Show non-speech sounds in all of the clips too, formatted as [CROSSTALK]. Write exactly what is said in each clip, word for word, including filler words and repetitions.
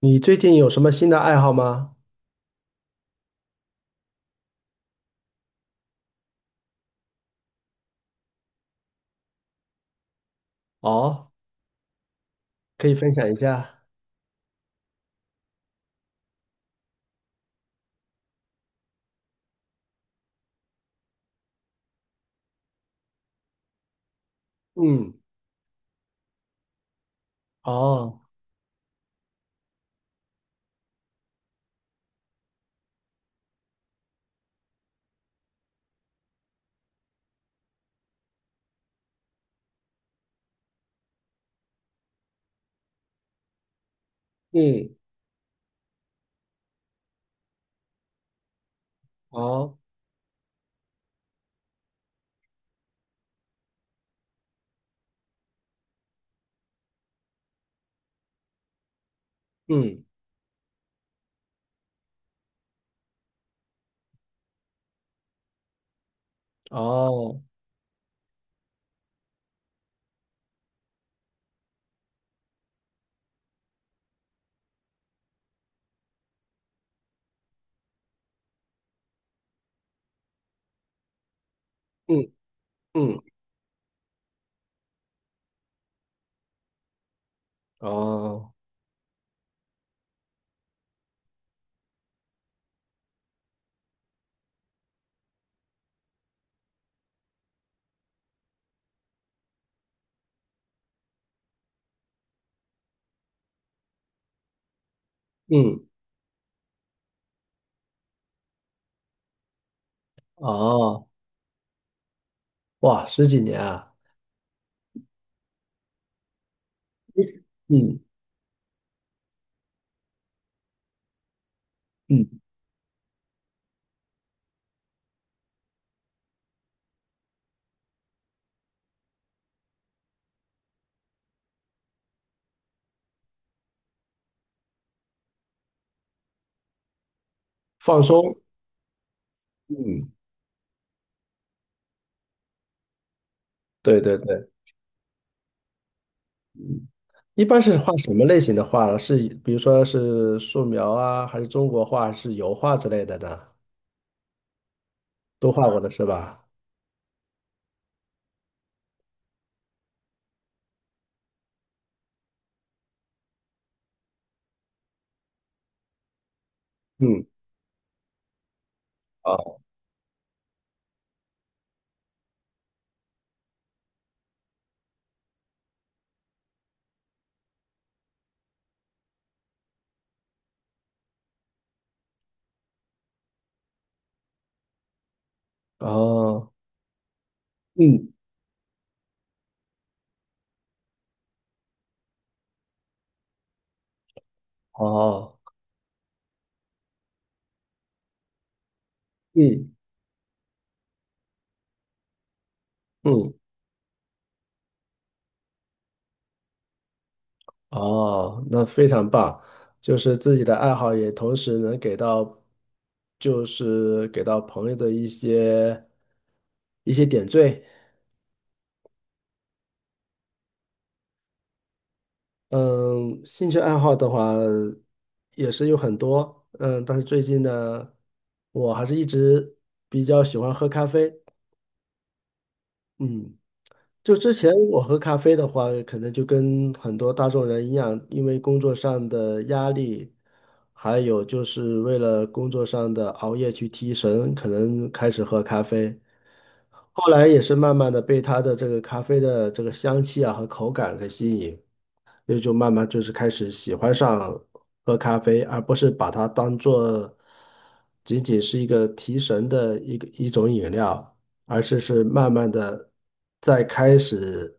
你最近有什么新的爱好吗？哦，可以分享一下。嗯。哦。嗯。哦。嗯。哦。嗯。嗯。哦。嗯。哦。哇，十几年啊！嗯。嗯，放松。嗯，对对对。一般是画什么类型的画呢？是比如说是素描啊，还是中国画，还是油画之类的呢？都画过的是吧？嗯。哦。哦。嗯。哦。嗯。嗯。哦，那非常棒，就是自己的爱好也同时能给到，就是给到朋友的一些一些点缀。嗯，兴趣爱好的话也是有很多，嗯，但是最近呢，我还是一直比较喜欢喝咖啡。嗯。就之前我喝咖啡的话，可能就跟很多大众人一样，因为工作上的压力，还有就是为了工作上的熬夜去提神，可能开始喝咖啡。后来也是慢慢的被他的这个咖啡的这个香气啊和口感给吸引，也就慢慢就是开始喜欢上喝咖啡，而不是把它当做仅仅是一个提神的一个一种饮料。而是是慢慢的在开始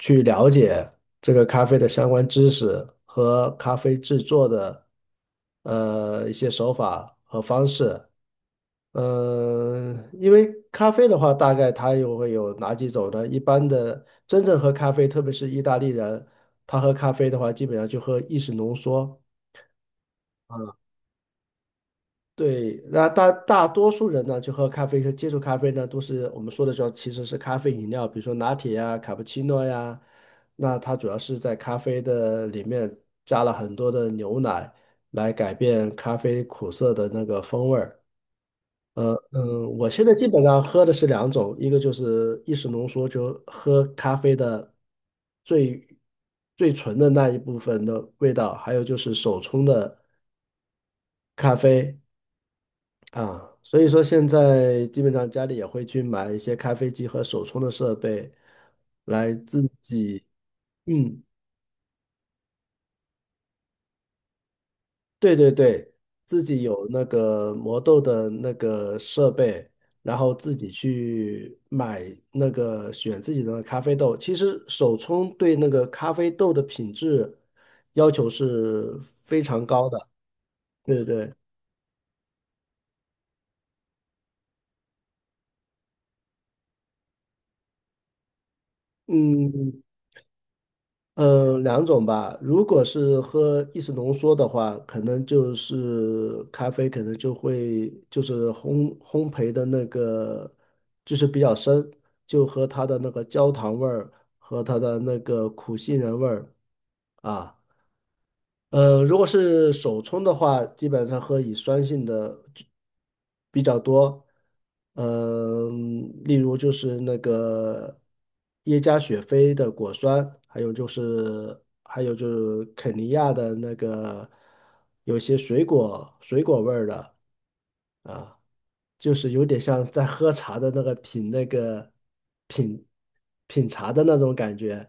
去了解这个咖啡的相关知识和咖啡制作的呃一些手法和方式。嗯，呃因为咖啡的话，大概它又会有哪几种呢？一般的，真正喝咖啡，特别是意大利人，他喝咖啡的话，基本上就喝意式浓缩。啊。对，那大大多数人呢，就喝咖啡和接触咖啡呢，都是我们说的叫其实是咖啡饮料，比如说拿铁呀、卡布奇诺呀。那它主要是在咖啡的里面加了很多的牛奶，来改变咖啡苦涩的那个风味儿。呃嗯，我现在基本上喝的是两种，一个就是意式浓缩，就喝咖啡的最最纯的那一部分的味道，还有就是手冲的咖啡。啊，所以说现在基本上家里也会去买一些咖啡机和手冲的设备，来自己，嗯，对对对，自己有那个磨豆的那个设备，然后自己去买那个选自己的咖啡豆。其实手冲对那个咖啡豆的品质要求是非常高的。对对对。嗯，呃，两种吧。如果是喝意式浓缩的话，可能就是咖啡，可能就会就是烘烘焙的那个，就是比较深，就和它的那个焦糖味儿和它的那个苦杏仁味儿啊。呃，如果是手冲的话，基本上喝乙酸性的比较多，嗯、例如就是那个耶加雪菲的果酸，还有就是还有就是肯尼亚的那个有些水果水果味儿的，就是有点像在喝茶的那个品那个品品茶的那种感觉。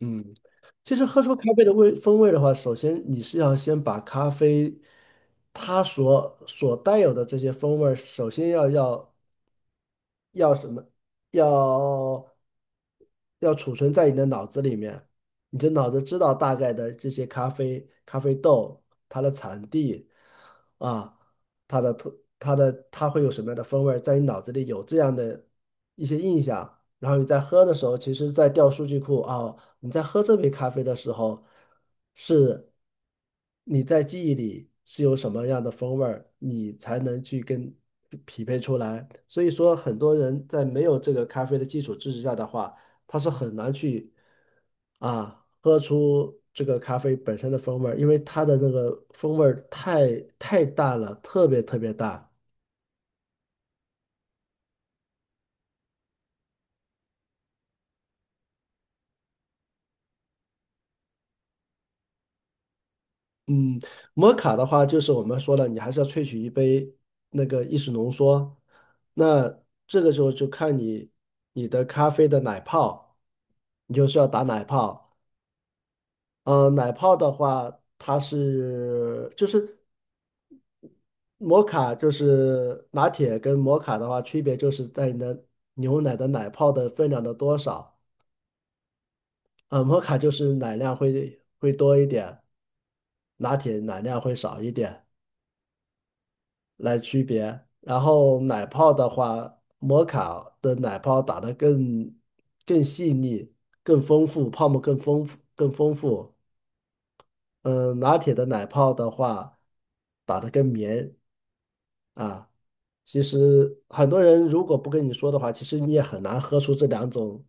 嗯，其实喝出咖啡的味风味的话，首先你是要先把咖啡它所所带有的这些风味儿首先要要要什么，要要储存在你的脑子里面。你就脑子知道大概的这些咖啡、咖啡豆、它的产地啊，它的特、它的它会有什么样的风味儿在你脑子里有这样的一些印象，然后你在喝的时候，其实在调数据库啊，你在喝这杯咖啡的时候，是你在记忆里是有什么样的风味儿你才能去跟匹配出来。所以说，很多人在没有这个咖啡的基础知识下的话，它是很难去啊喝出这个咖啡本身的风味儿，因为它的那个风味儿太太淡了，特别特别淡。嗯，摩卡的话，就是我们说了，你还是要萃取一杯那个意式浓缩，那这个时候就看你你的咖啡的奶泡，你就是要打奶泡。嗯，奶泡的话，它是就是。摩卡就是拿铁跟摩卡的话，区别就是在你的牛奶的奶泡的分量的多少。呃，摩卡就是奶量会会多一点，拿铁奶量会少一点来区别。然后奶泡的话，摩卡的奶泡打得更更细腻、更丰富，泡沫更丰富、更丰富。嗯、拿铁的奶泡的话，打得更绵，啊。其实很多人如果不跟你说的话，其实你也很难喝出这两种，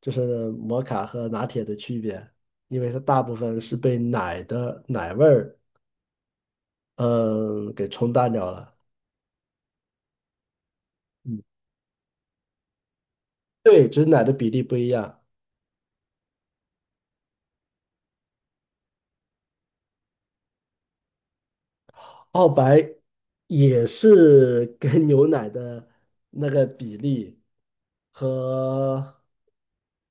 就是摩卡和拿铁的区别，因为它大部分是被奶的奶味儿，嗯，给冲淡掉了。嗯，对，只是奶的比例不一样。澳白也是跟 [LAUGHS] 牛奶的那个比例和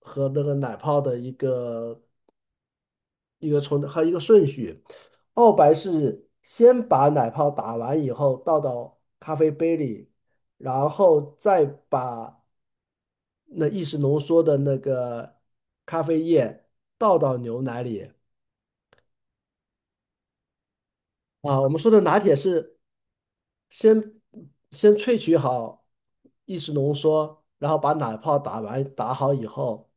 和那个奶泡的一个一个还有一个顺序。澳白是先把奶泡打完以后倒到咖啡杯里，然后再把那意式浓缩的那个咖啡液倒到牛奶里。啊，我们说的拿铁是先先萃取好意式浓缩，然后把奶泡打完打好以后，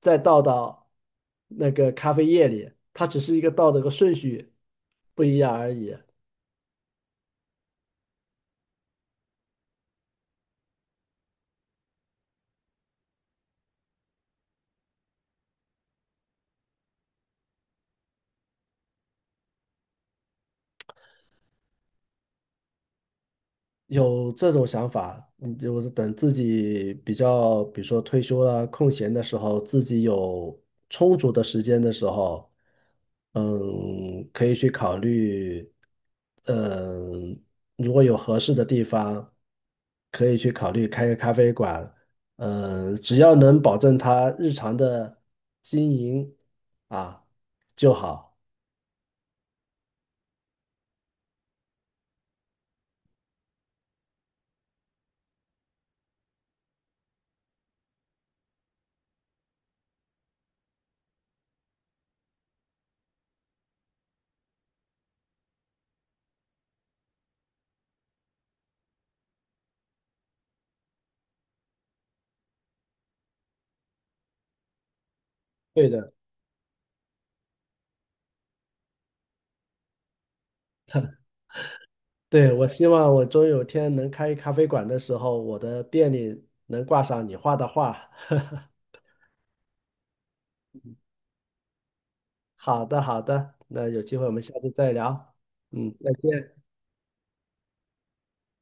再倒到那个咖啡液里，它只是一个倒的一个顺序不一样而已。有这种想法，嗯，就是等自己比较，比如说退休了、空闲的时候，自己有充足的时间的时候，嗯，可以去考虑，嗯，如果有合适的地方，可以去考虑开个咖啡馆，嗯，只要能保证他日常的经营啊就好。对的。对，我希望我终有天能开咖啡馆的时候，我的店里能挂上你画的画。[LAUGHS] 好的，好的，那有机会我们下次再聊。嗯，再见。